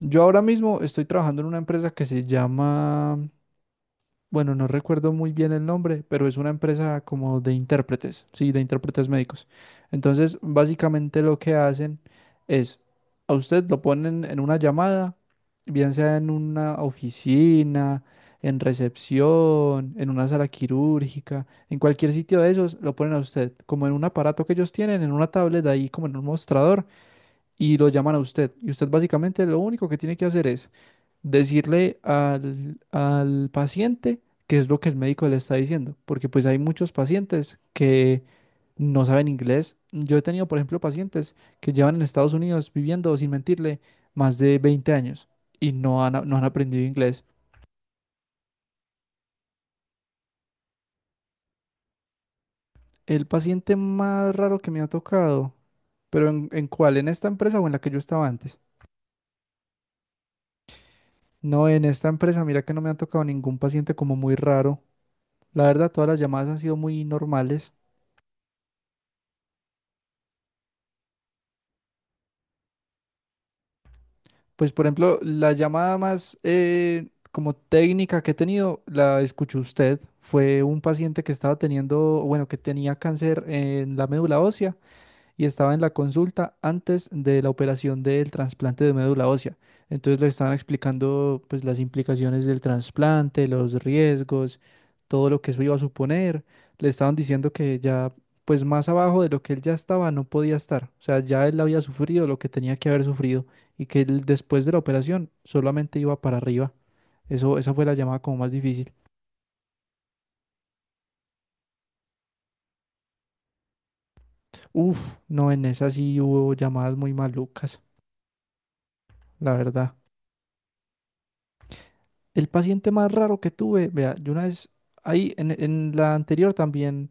Yo ahora mismo estoy trabajando en una empresa que se llama, bueno, no recuerdo muy bien el nombre, pero es una empresa como de intérpretes, sí, de intérpretes médicos. Entonces, básicamente lo que hacen es, a usted lo ponen en una llamada, bien sea en una oficina, en recepción, en una sala quirúrgica, en cualquier sitio de esos, lo ponen a usted, como en un aparato que ellos tienen, en una tablet ahí, como en un mostrador, y lo llaman a usted. Y usted básicamente lo único que tiene que hacer es decirle al paciente qué es lo que el médico le está diciendo, porque pues hay muchos pacientes que no saben inglés. Yo he tenido, por ejemplo, pacientes que llevan en Estados Unidos viviendo, sin mentirle, más de 20 años y no han aprendido inglés. El paciente más raro que me ha tocado, pero en cuál? ¿En esta empresa o en la que yo estaba antes? No, en esta empresa, mira que no me ha tocado ningún paciente como muy raro. La verdad, todas las llamadas han sido muy normales. Pues, por ejemplo, la llamada más como técnica que he tenido, la escuchó usted. Fue un paciente que estaba teniendo, bueno, que tenía cáncer en la médula ósea y estaba en la consulta antes de la operación del trasplante de médula ósea. Entonces le estaban explicando pues las implicaciones del trasplante, los riesgos, todo lo que eso iba a suponer. Le estaban diciendo que ya pues más abajo de lo que él ya estaba no podía estar. O sea, ya él había sufrido lo que tenía que haber sufrido y que él después de la operación solamente iba para arriba. Eso, esa fue la llamada como más difícil. Uf, no, en esa sí hubo llamadas muy malucas, la verdad. El paciente más raro que tuve, vea, yo una vez ahí en la anterior también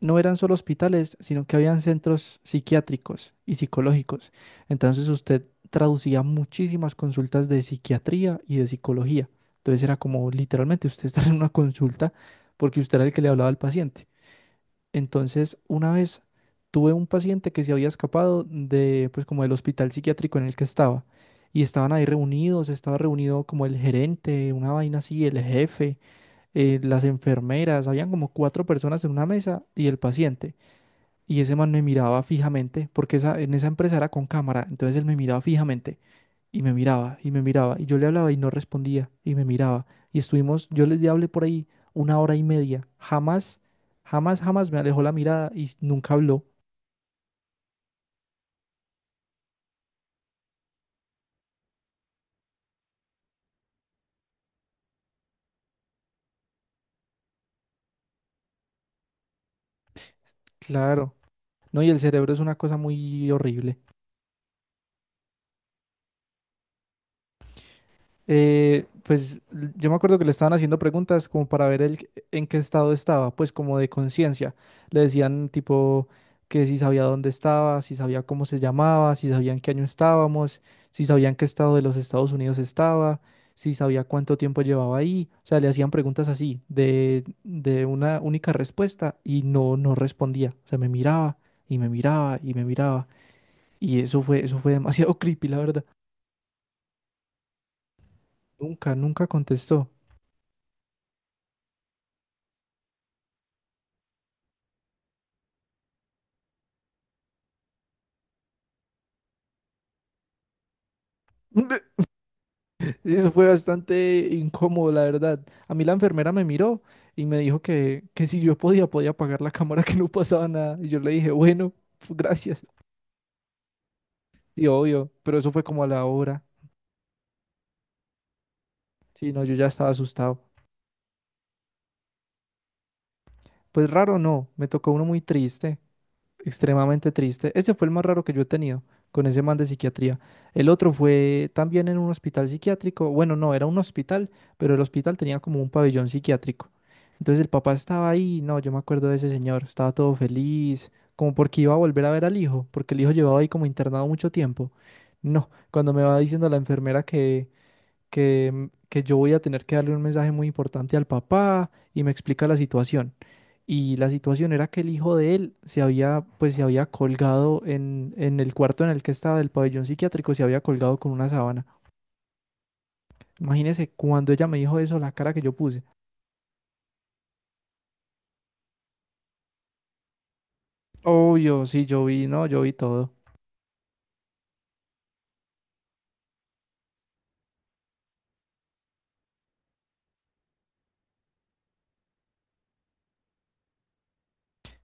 no eran solo hospitales, sino que habían centros psiquiátricos y psicológicos. Entonces usted traducía muchísimas consultas de psiquiatría y de psicología. Entonces era como literalmente usted estar en una consulta porque usted era el que le hablaba al paciente. Entonces, una vez tuve un paciente que se había escapado de, pues, como del hospital psiquiátrico en el que estaba. Y estaban ahí reunidos, estaba reunido como el gerente, una vaina así, el jefe, las enfermeras, habían como 4 personas en una mesa y el paciente. Y ese man me miraba fijamente, porque esa, en esa empresa era con cámara, entonces él me miraba fijamente. Y me miraba, y me miraba, y yo le hablaba y no respondía, y me miraba. Y estuvimos, yo le hablé por ahí una hora y media. Jamás, jamás, jamás me alejó la mirada y nunca habló. Claro. No, y el cerebro es una cosa muy horrible. Yo me acuerdo que le estaban haciendo preguntas como para ver el, en qué estado estaba, pues como de conciencia. Le decían tipo que si sabía dónde estaba, si sabía cómo se llamaba, si sabía en qué año estábamos, si sabía en qué estado de los Estados Unidos estaba, si sabía cuánto tiempo llevaba ahí. O sea, le hacían preguntas así, de una única respuesta y no respondía. O sea, me miraba y me miraba. Y eso fue demasiado creepy, la verdad. Nunca, nunca contestó. Eso fue bastante incómodo, la verdad. A mí la enfermera me miró y me dijo que si yo podía, podía apagar la cámara, que no pasaba nada. Y yo le dije, bueno, pues, gracias. Y obvio, pero eso fue como a la hora. Sí, no, yo ya estaba asustado. Pues raro, no, me tocó uno muy triste. Extremadamente triste. Ese fue el más raro que yo he tenido con ese man de psiquiatría. El otro fue también en un hospital psiquiátrico. Bueno, no, era un hospital, pero el hospital tenía como un pabellón psiquiátrico. Entonces el papá estaba ahí, no, yo me acuerdo de ese señor, estaba todo feliz, como porque iba a volver a ver al hijo, porque el hijo llevaba ahí como internado mucho tiempo. No, cuando me va diciendo la enfermera que yo voy a tener que darle un mensaje muy importante al papá y me explica la situación. Y la situación era que el hijo de él se había, pues se había colgado en el cuarto en el que estaba del pabellón psiquiátrico, se había colgado con una sábana. Imagínese cuando ella me dijo eso, la cara que yo puse. Obvio, sí, yo vi, no, yo vi todo.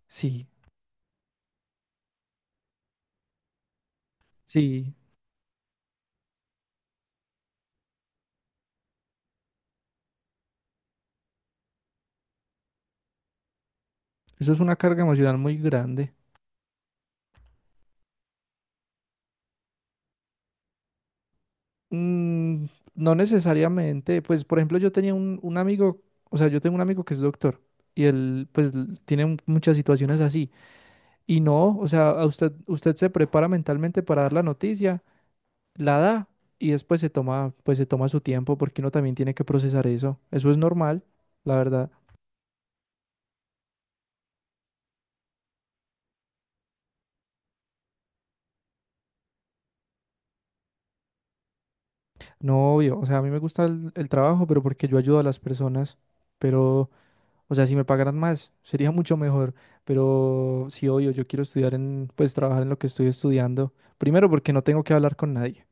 Sí, sí, eso es una carga emocional muy grande. Mm, no necesariamente, pues por ejemplo yo tenía un amigo, o sea, yo tengo un amigo que es doctor y él tiene muchas situaciones así y no, o sea, a usted, usted se prepara mentalmente para dar la noticia, la da y después se toma, pues se toma su tiempo porque uno también tiene que procesar eso, eso es normal, la verdad. No, obvio, o sea, a mí me gusta el trabajo, pero porque yo ayudo a las personas, pero... O sea, si me pagaran más, sería mucho mejor. Pero sí, obvio, yo quiero estudiar en, pues trabajar en lo que estoy estudiando. Primero, porque no tengo que hablar con nadie.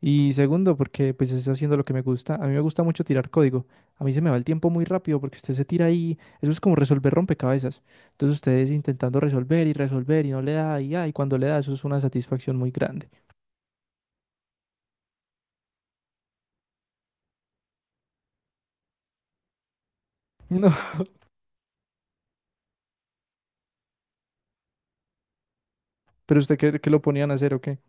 Y segundo, porque pues estoy haciendo lo que me gusta. A mí me gusta mucho tirar código. A mí se me va el tiempo muy rápido porque usted se tira ahí. Eso es como resolver rompecabezas. Entonces ustedes intentando resolver y resolver y no le da y, ya, y cuando le da, eso es una satisfacción muy grande. No, pero usted qué, qué lo ponían a hacer o qué?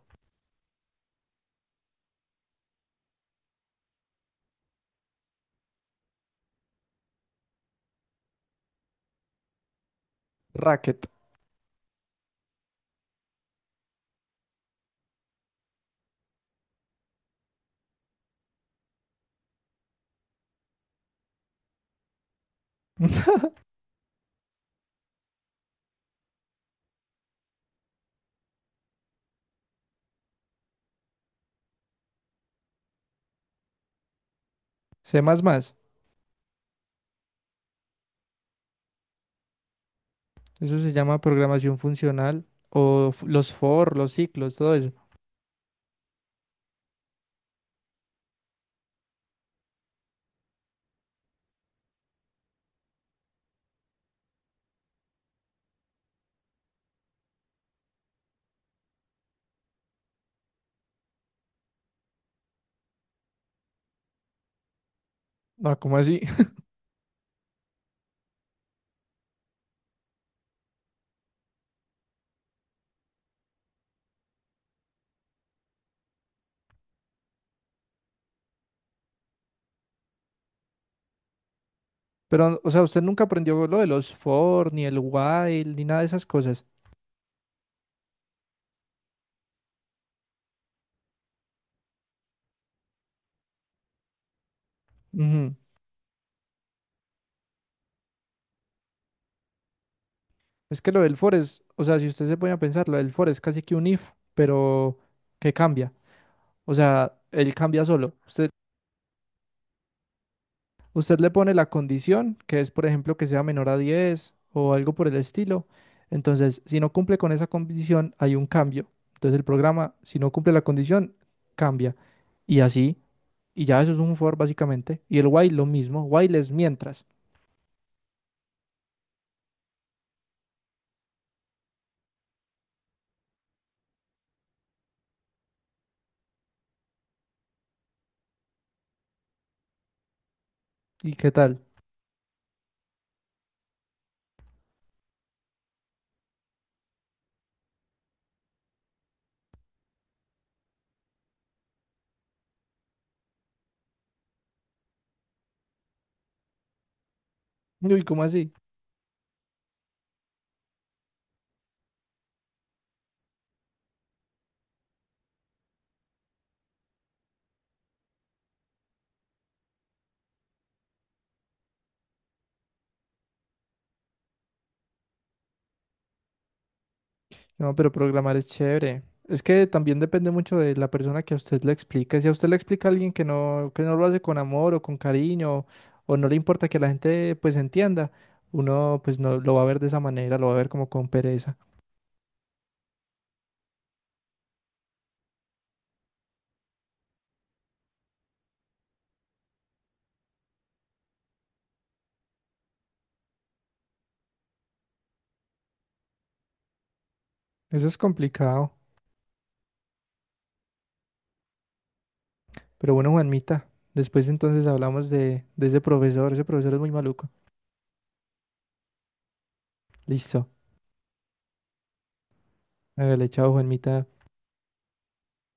Racket. C++. Eso se llama programación funcional los for, los ciclos, todo eso. Ah, ¿cómo así? Pero, o sea, usted nunca aprendió lo de los for, ni el while, ni nada de esas cosas. Ujú. Es que lo del for es, o sea, si usted se pone a pensar, lo del for es casi que un if, pero que cambia. O sea, él cambia solo. Usted, usted le pone la condición, que es, por ejemplo, que sea menor a 10 o algo por el estilo. Entonces, si no cumple con esa condición, hay un cambio. Entonces, el programa, si no cumple la condición, cambia. Y así, y ya eso es un for básicamente. Y el while lo mismo, while es mientras. ¿Y qué tal? Uy, ¿cómo así? No, pero programar es chévere. Es que también depende mucho de la persona que a usted le explique. Si a usted le explica a alguien que no lo hace con amor o con cariño, o no le importa que la gente pues entienda, uno pues no lo va a ver de esa manera, lo va a ver como con pereza. Eso es complicado. Pero bueno, Juanmita, después entonces hablamos de ese profesor. Ese profesor es muy maluco. Listo. Hágale, chao, Juanmita.